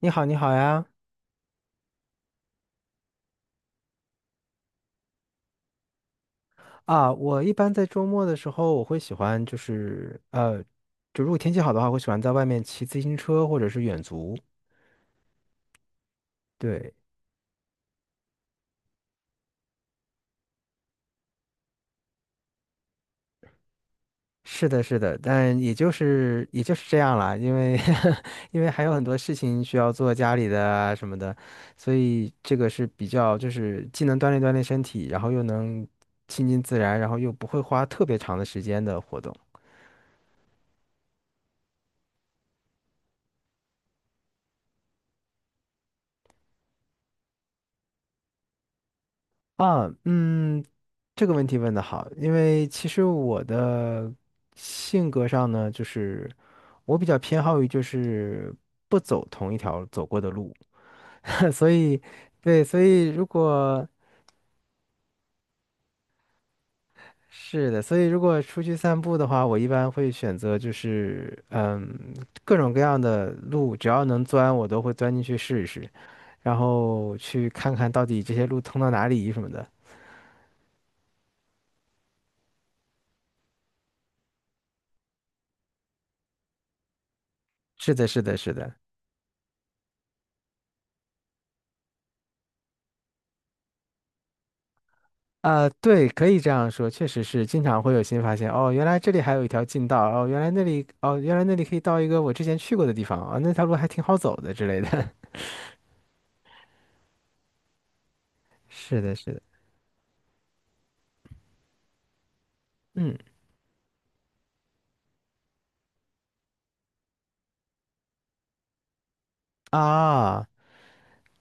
你好，你好呀！啊，我一般在周末的时候，我会喜欢就是就如果天气好的话，我喜欢在外面骑自行车或者是远足。对，是的，是的，但也就是这样啦，因为 因为还有很多事情需要做，家里的啊什么的，所以这个是比较就是既能锻炼锻炼身体，然后又能亲近自然，然后又不会花特别长的时间的活动。啊，嗯，这个问题问的好，因为其实我的性格上呢，就是我比较偏好于就是不走同一条走过的路，所以对，所以如果出去散步的话，我一般会选择就是嗯各种各样的路，只要能钻我都会钻进去试一试，然后去看看到底这些路通到哪里什么的。是的，是的，是的。啊，对，可以这样说，确实是经常会有新发现。哦，原来这里还有一条近道，哦，原来那里可以到一个我之前去过的地方，啊、那条路还挺好走的之类的。是的，是的，嗯啊，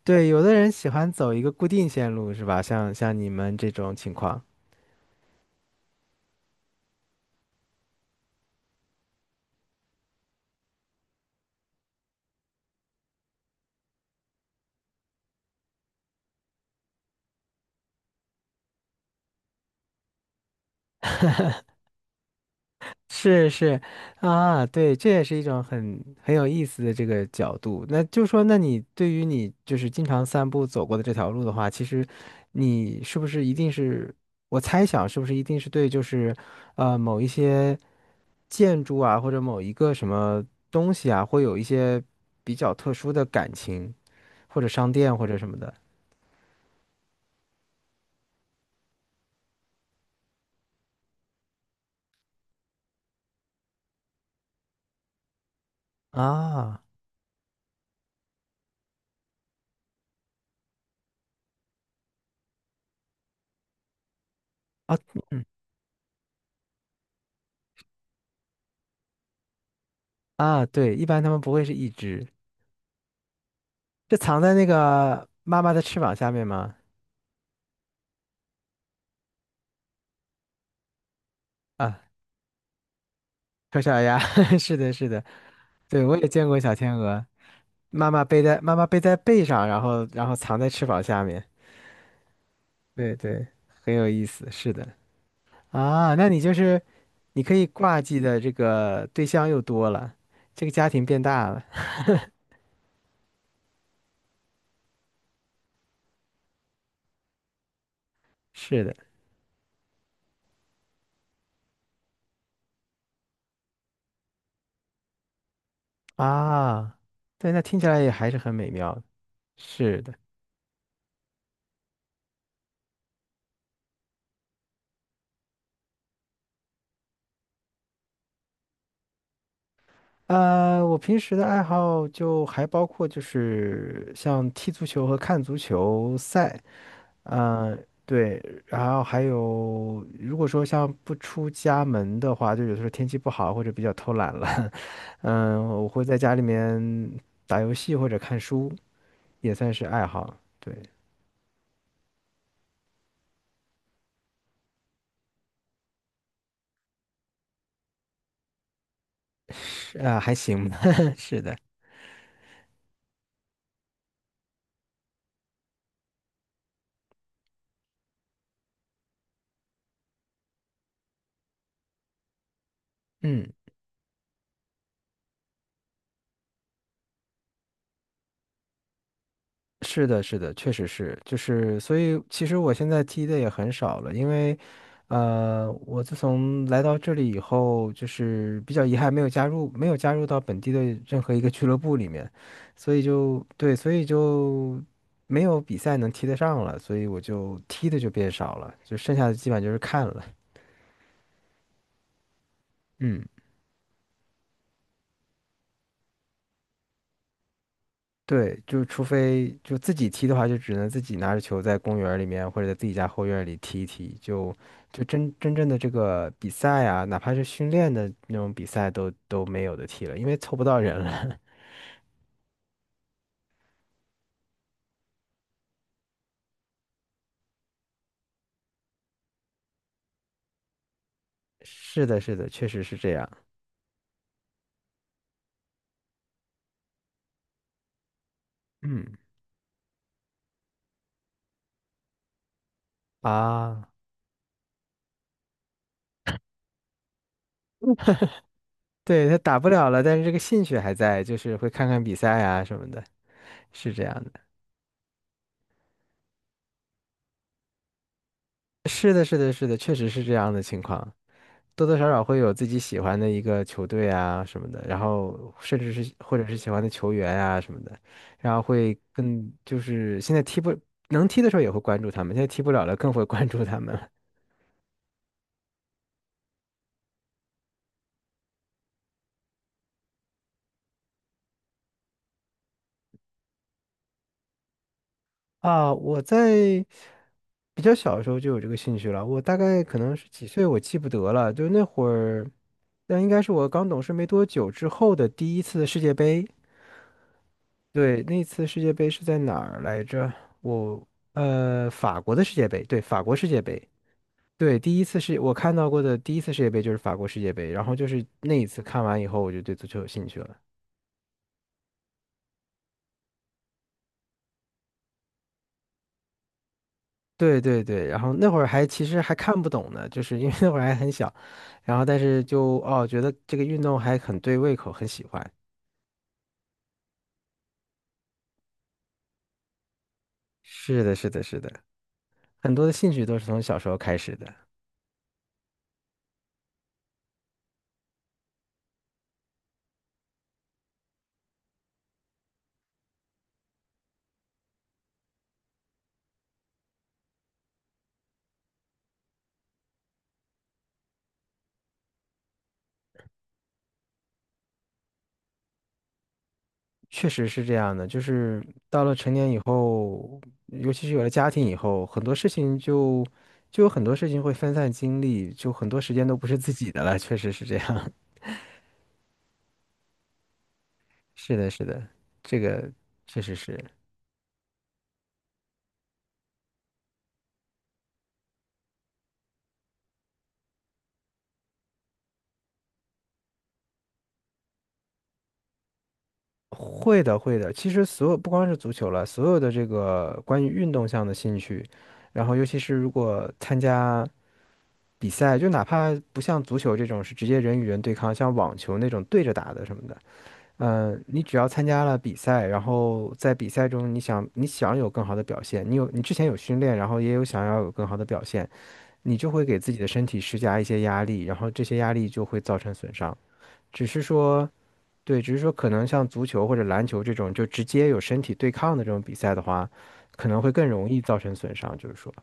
对，有的人喜欢走一个固定线路是吧？像你们这种情况。是是啊，对，这也是一种很有意思的这个角度。那就说，那你对于你就是经常散步走过的这条路的话，其实你是不是一定是，我猜想是不是一定是对，就是呃某一些建筑啊，或者某一个什么东西啊，会有一些比较特殊的感情，或者商店或者什么的啊啊啊，对，一般他们不会是一只，是藏在那个妈妈的翅膀下面吗？啊。丑小鸭，是的，是的，对，我也见过小天鹅，妈妈背在背上，然后藏在翅膀下面，对对，很有意思，是的，啊，那你就是你可以挂记的这个对象又多了，这个家庭变大了，是的，啊，对，那听起来也还是很美妙的，是的，我平时的爱好就还包括就是像踢足球和看足球赛。嗯，对，然后还有，如果说像不出家门的话，就有的时候天气不好或者比较偷懒了，嗯，我会在家里面打游戏或者看书，也算是爱好。对，是啊，还行吧，是的，嗯是的，是的，确实是，就是，所以其实我现在踢的也很少了，因为，我自从来到这里以后，就是比较遗憾没有加入到本地的任何一个俱乐部里面，所以就对，所以就没有比赛能踢得上了，所以我就踢的就变少了，就剩下的基本就是看了，嗯。对，就除非就自己踢的话，就只能自己拿着球在公园儿里面或者在自己家后院儿里踢一踢。就就真真正的这个比赛啊，哪怕是训练的那种比赛都没有的踢了，因为凑不到人了。是的，是的，确实是这样。嗯啊，对，他打不了了，但是这个兴趣还在，就是会看看比赛啊什么的，是这样的。是的，是的，是的，确实是这样的情况。多多少少会有自己喜欢的一个球队啊什么的，然后甚至是或者是喜欢的球员啊什么的，然后会更就是现在踢不能踢的时候也会关注他们，现在踢不了了更会关注他们了 啊。我在比较小的时候就有这个兴趣了，我大概可能是几岁我记不得了，就那会儿，那应该是我刚懂事没多久之后的第一次世界杯。对，那次世界杯是在哪儿来着？我呃，法国的世界杯，对，法国世界杯。对，第一次是我看到过的第一次世界杯就是法国世界杯，然后就是那一次看完以后，我就对足球有兴趣了。对对对，然后那会儿还其实还看不懂呢，就是因为那会儿还很小，然后但是就哦觉得这个运动还很对胃口，很喜欢。是的，是的，是的，很多的兴趣都是从小时候开始的，确实是这样的。就是到了成年以后，尤其是有了家庭以后，很多事情就就有很多事情会分散精力，就很多时间都不是自己的了，确实是这样。是的，是的，这个确实是会的，会的。其实所有不光是足球了，所有的这个关于运动项的兴趣，然后尤其是如果参加比赛，就哪怕不像足球这种是直接人与人对抗，像网球那种对着打的什么的，嗯、你只要参加了比赛，然后在比赛中你想有更好的表现，你之前有训练，然后也有想要有更好的表现，你就会给自己的身体施加一些压力，然后这些压力就会造成损伤。只是说，对，只是说可能像足球或者篮球这种就直接有身体对抗的这种比赛的话，可能会更容易造成损伤，就是说，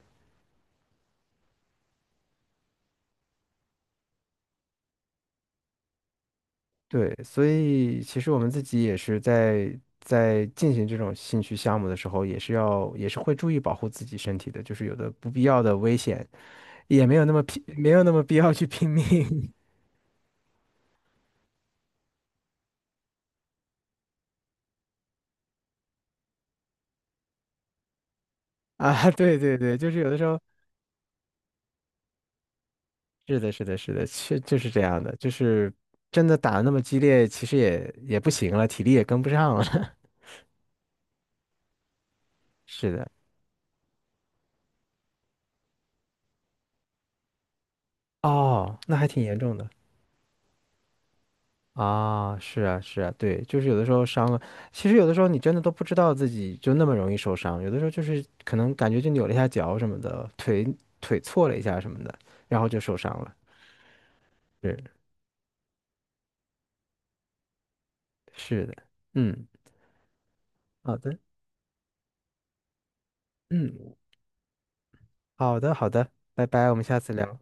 对，所以其实我们自己也是在进行这种兴趣项目的时候，也是会注意保护自己身体的，就是有的不必要的危险也没有那么拼，没有那么必要去拼命 啊，对对对，就是有的时候是的，是的，是的，确就是这样的，就是真的打得那么激烈，其实也不行了，体力也跟不上了，是的。哦，那还挺严重的啊！是啊，是啊，对，就是有的时候伤了，其实有的时候你真的都不知道自己就那么容易受伤，有的时候就是可能感觉就扭了一下脚什么的，腿错了一下什么的，然后就受伤了。是是的，嗯，好的，嗯，好的好的，拜拜，我们下次聊。